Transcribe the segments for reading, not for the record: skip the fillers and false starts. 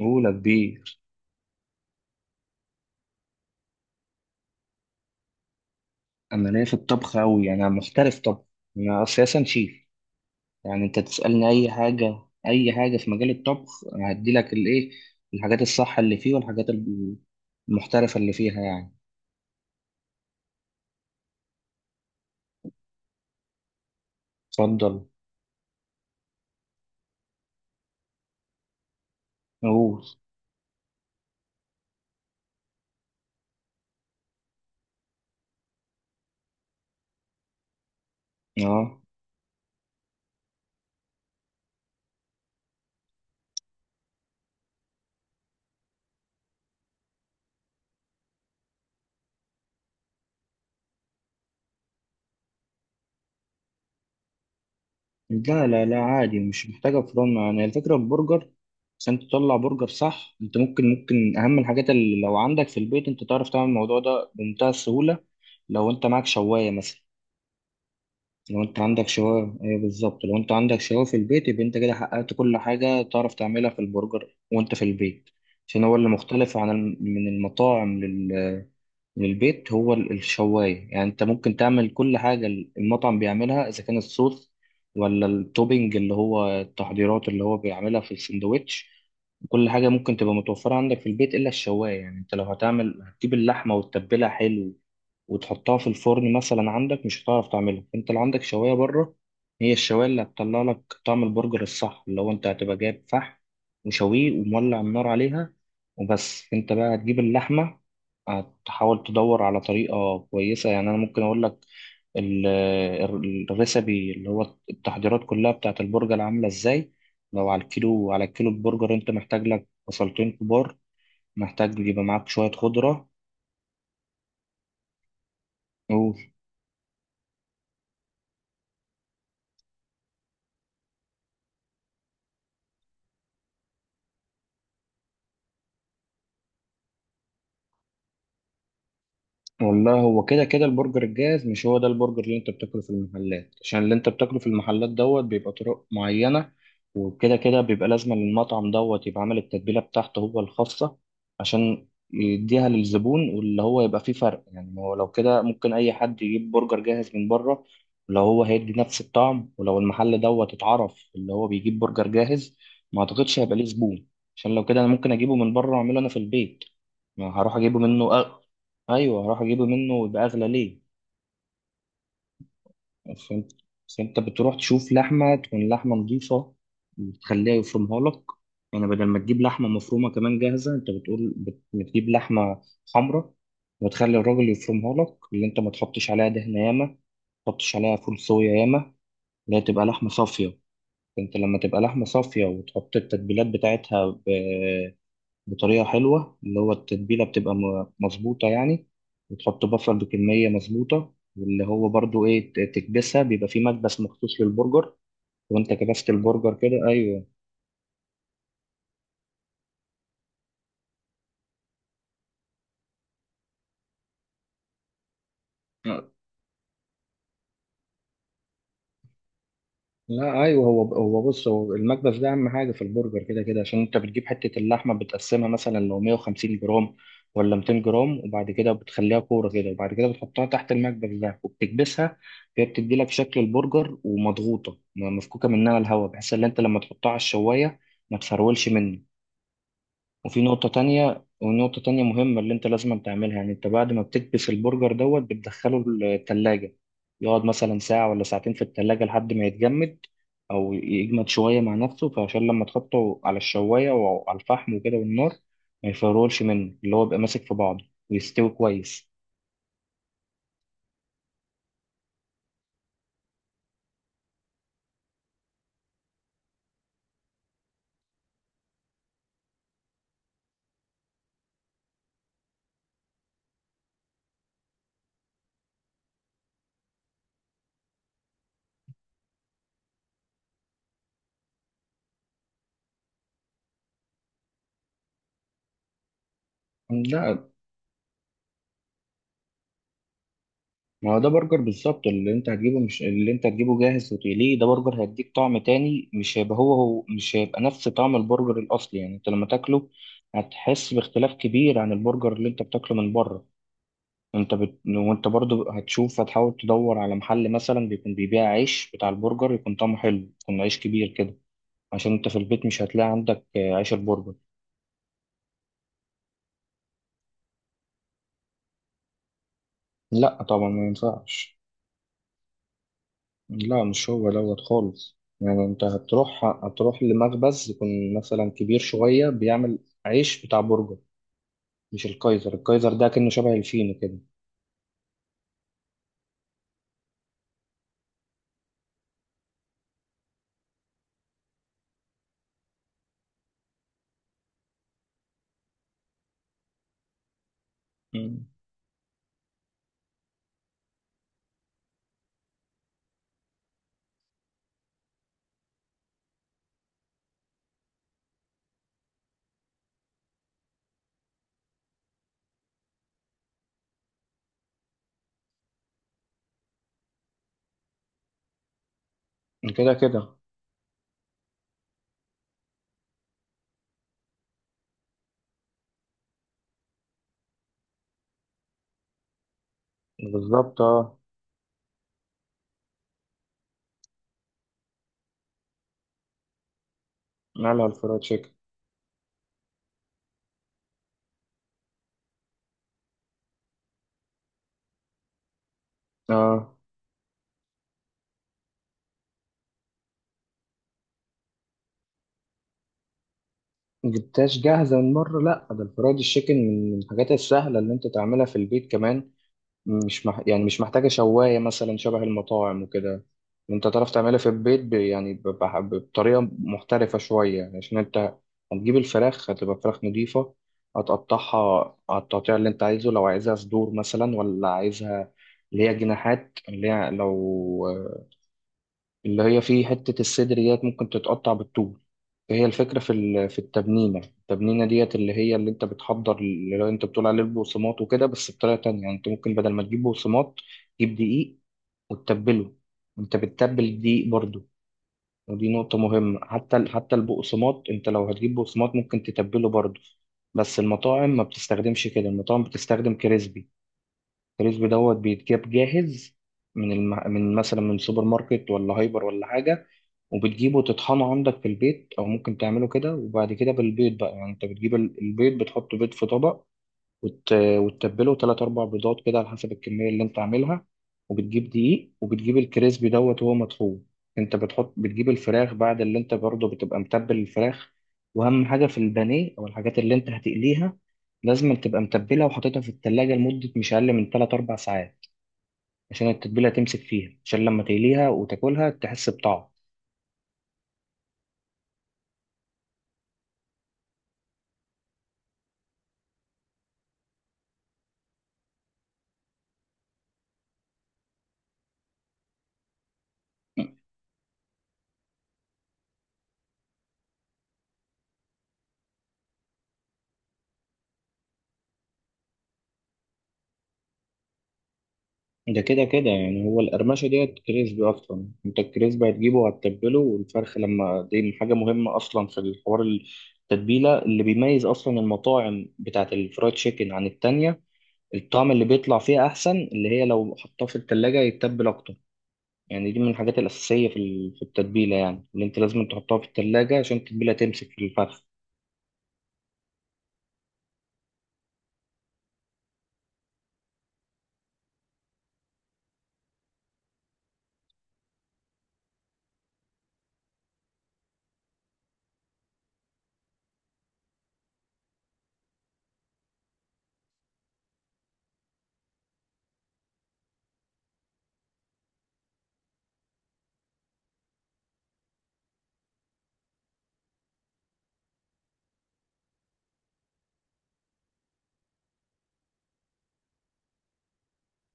أولى كبير. أنا ليا في الطبخ أوي، يعني أنا محترف طبخ. أنا أساسا شيف، يعني أنت تسألني أي حاجة، أي حاجة في مجال الطبخ هديلك الإيه، الحاجات الصح اللي فيه والحاجات المحترفة اللي فيها يعني. اتفضل. أقول. أه، لا لا لا عادي، مش محتاجة فرن. يعني الفكرة البرجر عشان تطلع برجر صح، أنت ممكن أهم الحاجات اللي لو عندك في البيت أنت تعرف تعمل الموضوع ده بمنتهى السهولة. لو أنت معاك شواية مثلا، لو انت عندك شوايه، ايوه بالظبط، لو انت عندك شوايه في البيت يبقى انت كده حققت كل حاجه تعرف تعملها في البرجر وانت في البيت. عشان هو اللي مختلف عن من المطاعم للبيت هو الشوايه. يعني انت ممكن تعمل كل حاجه المطعم بيعملها، اذا كان الصوص ولا التوبينج اللي هو التحضيرات اللي هو بيعملها في السندوتش، كل حاجه ممكن تبقى متوفره عندك في البيت الا الشوايه. يعني انت لو هتعمل، هتجيب اللحمه وتتبلها حلو وتحطها في الفرن مثلا عندك مش هتعرف تعملها. انت اللي عندك شوايه بره، هي الشوايه اللي هتطلع لك طعم البرجر الصح، اللي هو انت هتبقى جايب فحم وشويه ومولع النار عليها وبس. انت بقى هتجيب اللحمه، هتحاول تدور على طريقه كويسه. يعني انا ممكن اقول لك الريسبي اللي هو التحضيرات كلها بتاعت البرجر عامله ازاي. لو على الكيلو، على الكيلو البرجر انت محتاج لك بصلتين كبار، محتاج يبقى معاك شويه خضره. والله هو كده كده البرجر الجاهز مش هو ده البرجر اللي انت بتاكله في المحلات، عشان اللي انت بتاكله في المحلات دوت بيبقى طرق معينة، وكده كده بيبقى لازم للمطعم دوت يبقى عامل التتبيلة بتاعته هو الخاصة، عشان يديها للزبون، واللي هو يبقى فيه فرق. يعني ما هو لو كده ممكن أي حد يجيب برجر جاهز من بره، لو هو هيدي نفس الطعم، ولو المحل دوت اتعرف اللي هو بيجيب برجر جاهز ما أعتقدش هيبقى ليه زبون، عشان لو كده أنا ممكن أجيبه من بره وأعمله أنا في البيت، ما هروح أجيبه منه. ايوه، هروح اجيبه منه ويبقى اغلى ليه؟ فهمت. بس انت بتروح تشوف لحمه، تكون لحمه نظيفه وتخليها يفرمها لك. يعني بدل ما تجيب لحمه مفرومه كمان جاهزه، انت بتقول بتجيب لحمه حمراء وتخلي الراجل يفرمها لك، اللي انت ما تحطش عليها دهنه ياما ما تحطش عليها فول صويا، ياما اللي هي تبقى لحمه صافيه. انت لما تبقى لحمه صافيه وتحط التتبيلات بتاعتها بطريقة حلوة اللي هو التتبيلة بتبقى مظبوطة يعني، وتحط بصل بكمية مظبوطة، واللي هو برضو إيه، تكبسها، بيبقى فيه مكبس مخصوص للبرجر وأنت كبست البرجر كده. أيوه. لا ايوه، هو بص، هو المكبس ده اهم حاجه في البرجر كده كده، عشان انت بتجيب حته اللحمه بتقسمها مثلا لو 150 جرام ولا 200 جرام، وبعد كده بتخليها كوره كده، وبعد كده بتحطها تحت المكبس ده وبتكبسها. هي بتدي لك شكل البرجر ومضغوطه، مفكوكه منها الهواء، بحيث ان انت لما تحطها على الشوايه ما تفرولش منك. وفي نقطة تانية، ونقطة تانية مهمة اللي أنت لازم تعملها، يعني أنت بعد ما بتكبس البرجر دوت بتدخله التلاجة، يقعد مثلا ساعة ولا ساعتين في التلاجة لحد ما يتجمد، أو يجمد شوية مع نفسه، فعشان لما تحطه على الشواية وعلى الفحم وكده والنار ما يفرولش منه، اللي هو بيبقى ماسك في بعضه ويستوي كويس. لا، ما هو ده برجر بالظبط اللي انت هتجيبه. مش اللي انت هتجيبه جاهز وتقليه، ده برجر هيديك طعم تاني، مش هيبقى هو هو، مش هيبقى نفس طعم البرجر الأصلي. يعني انت لما تاكله هتحس باختلاف كبير عن البرجر اللي انت بتاكله من بره. انت بت... وانت برضو هتشوف، هتحاول تدور على محل مثلا بيكون بيبيع عيش بتاع البرجر، يكون طعمه حلو، يكون عيش كبير كده، عشان انت في البيت مش هتلاقي عندك عيش البرجر. لا طبعا ما ينفعش. لا، مش هو دوت خالص. يعني انت هتروح، لمخبز يكون مثلا كبير شوية بيعمل عيش بتاع برجر. مش الكايزر، الكايزر ده كأنه شبه الفينو كده. مم. كده كده. بالظبط، اه. نعلى على الفرايد تشيكن. اه، جبتهاش جاهزة من مرة؟ لا، ده الفرايد تشيكن من الحاجات السهلة اللي انت تعملها في البيت كمان. مش مح... يعني مش محتاجة شواية مثلا شبه المطاعم وكده. انت تعرف تعملها في البيت ب... يعني ب... بطريقة محترفة شوية. يعني عشان انت هتجيب الفراخ، هتبقى فراخ نضيفة، هتقطعها على التقطيع اللي انت عايزه، لو عايزها صدور مثلا، ولا عايزها اللي هي جناحات، اللي هي لو اللي هي فيه حتة الصدر ديت ممكن تتقطع بالطول. هي الفكرة في في التبنينة، التبنينة ديت اللي هي اللي انت بتحضر، اللي انت بتقول عليه البقسماط وكده، بس بطريقة تانية. يعني انت ممكن بدل ما تجيب بقسماط تجيب دقيق وتتبله. انت بتتبل الدقيق برضو، ودي نقطة مهمة. حتى حتى البقسماط انت لو هتجيب بقسماط ممكن تتبله برضو، بس المطاعم ما بتستخدمش كده. المطاعم بتستخدم كريسبي. الكريسب دوت بيتجاب جاهز من من مثلا من سوبر ماركت ولا هايبر ولا حاجة، وبتجيبه تطحنه عندك في البيت، أو ممكن تعمله كده. وبعد كده بالبيض بقى. يعني أنت بتجيب البيض، بتحط بيض في طبق وت... وتتبله، 3 4 بيضات كده على حسب الكمية اللي أنت عاملها. وبتجيب دقيق، وبتجيب الكريسبي دوت وهو مطحون. أنت بتحط، بتجيب الفراخ بعد اللي أنت برضه بتبقى متبل الفراخ. وأهم حاجة في البانيه أو الحاجات اللي أنت هتقليها، لازم تبقى متبلها وحاططها في التلاجة لمدة مش أقل من 3 4 ساعات، عشان التتبيلة تمسك فيها، عشان لما تقليها وتاكلها تحس بطعم. ده كده كده، يعني هو القرمشة ديت كريسبي أصلا. أنت الكريسبي هتجيبه وهتتبله والفرخ لما، دي حاجة مهمة أصلا في الحوار، التتبيلة اللي بيميز أصلا المطاعم بتاعة الفرايد تشيكن عن التانية، الطعم اللي بيطلع فيها أحسن، اللي هي لو حطاه في التلاجة يتبل أكتر. يعني دي من الحاجات الأساسية في في التتبيلة، يعني اللي أنت لازم تحطها في التلاجة عشان التتبيلة تمسك في الفرخ.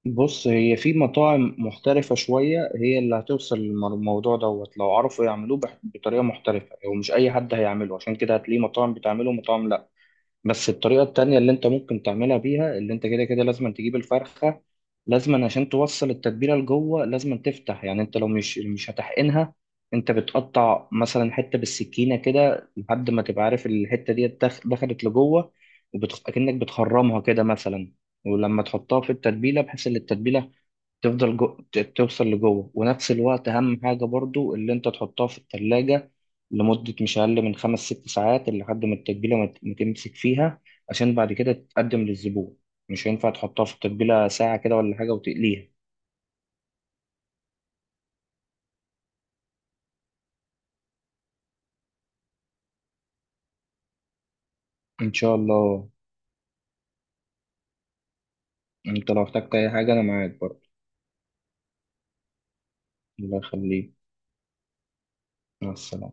بص، هي في مطاعم محترفة شوية هي اللي هتوصل للموضوع دوت، لو عرفوا يعملوه بطريقة محترفة، ومش أي حد هيعمله، عشان كده هتلاقيه مطاعم بتعمله ومطاعم. بس الطريقة التانية اللي انت ممكن تعملها بيها، اللي انت كده كده لازم تجيب الفرخة، لازم عشان توصل التتبيلة لجوه لازم تفتح. يعني انت لو مش هتحقنها، انت بتقطع مثلا حتة بالسكينة كده لحد ما تبقى عارف الحتة دي دخلت لجوه، كأنك بتخرمها كده مثلا، ولما تحطها في التتبيلة بحيث ان التتبيلة تفضل توصل لجوه. ونفس الوقت اهم حاجه برضو اللي انت تحطها في الثلاجه لمده مش اقل من 5 6 ساعات، لحد ما التتبيله ما تمسك فيها عشان بعد كده تتقدم للزبون. مش هينفع تحطها في التتبيله ساعه كده ولا حاجه وتقليها. ان شاء الله. انت لو احتجت اي حاجه انا معاك برضو. الله يخليك. مع السلامه.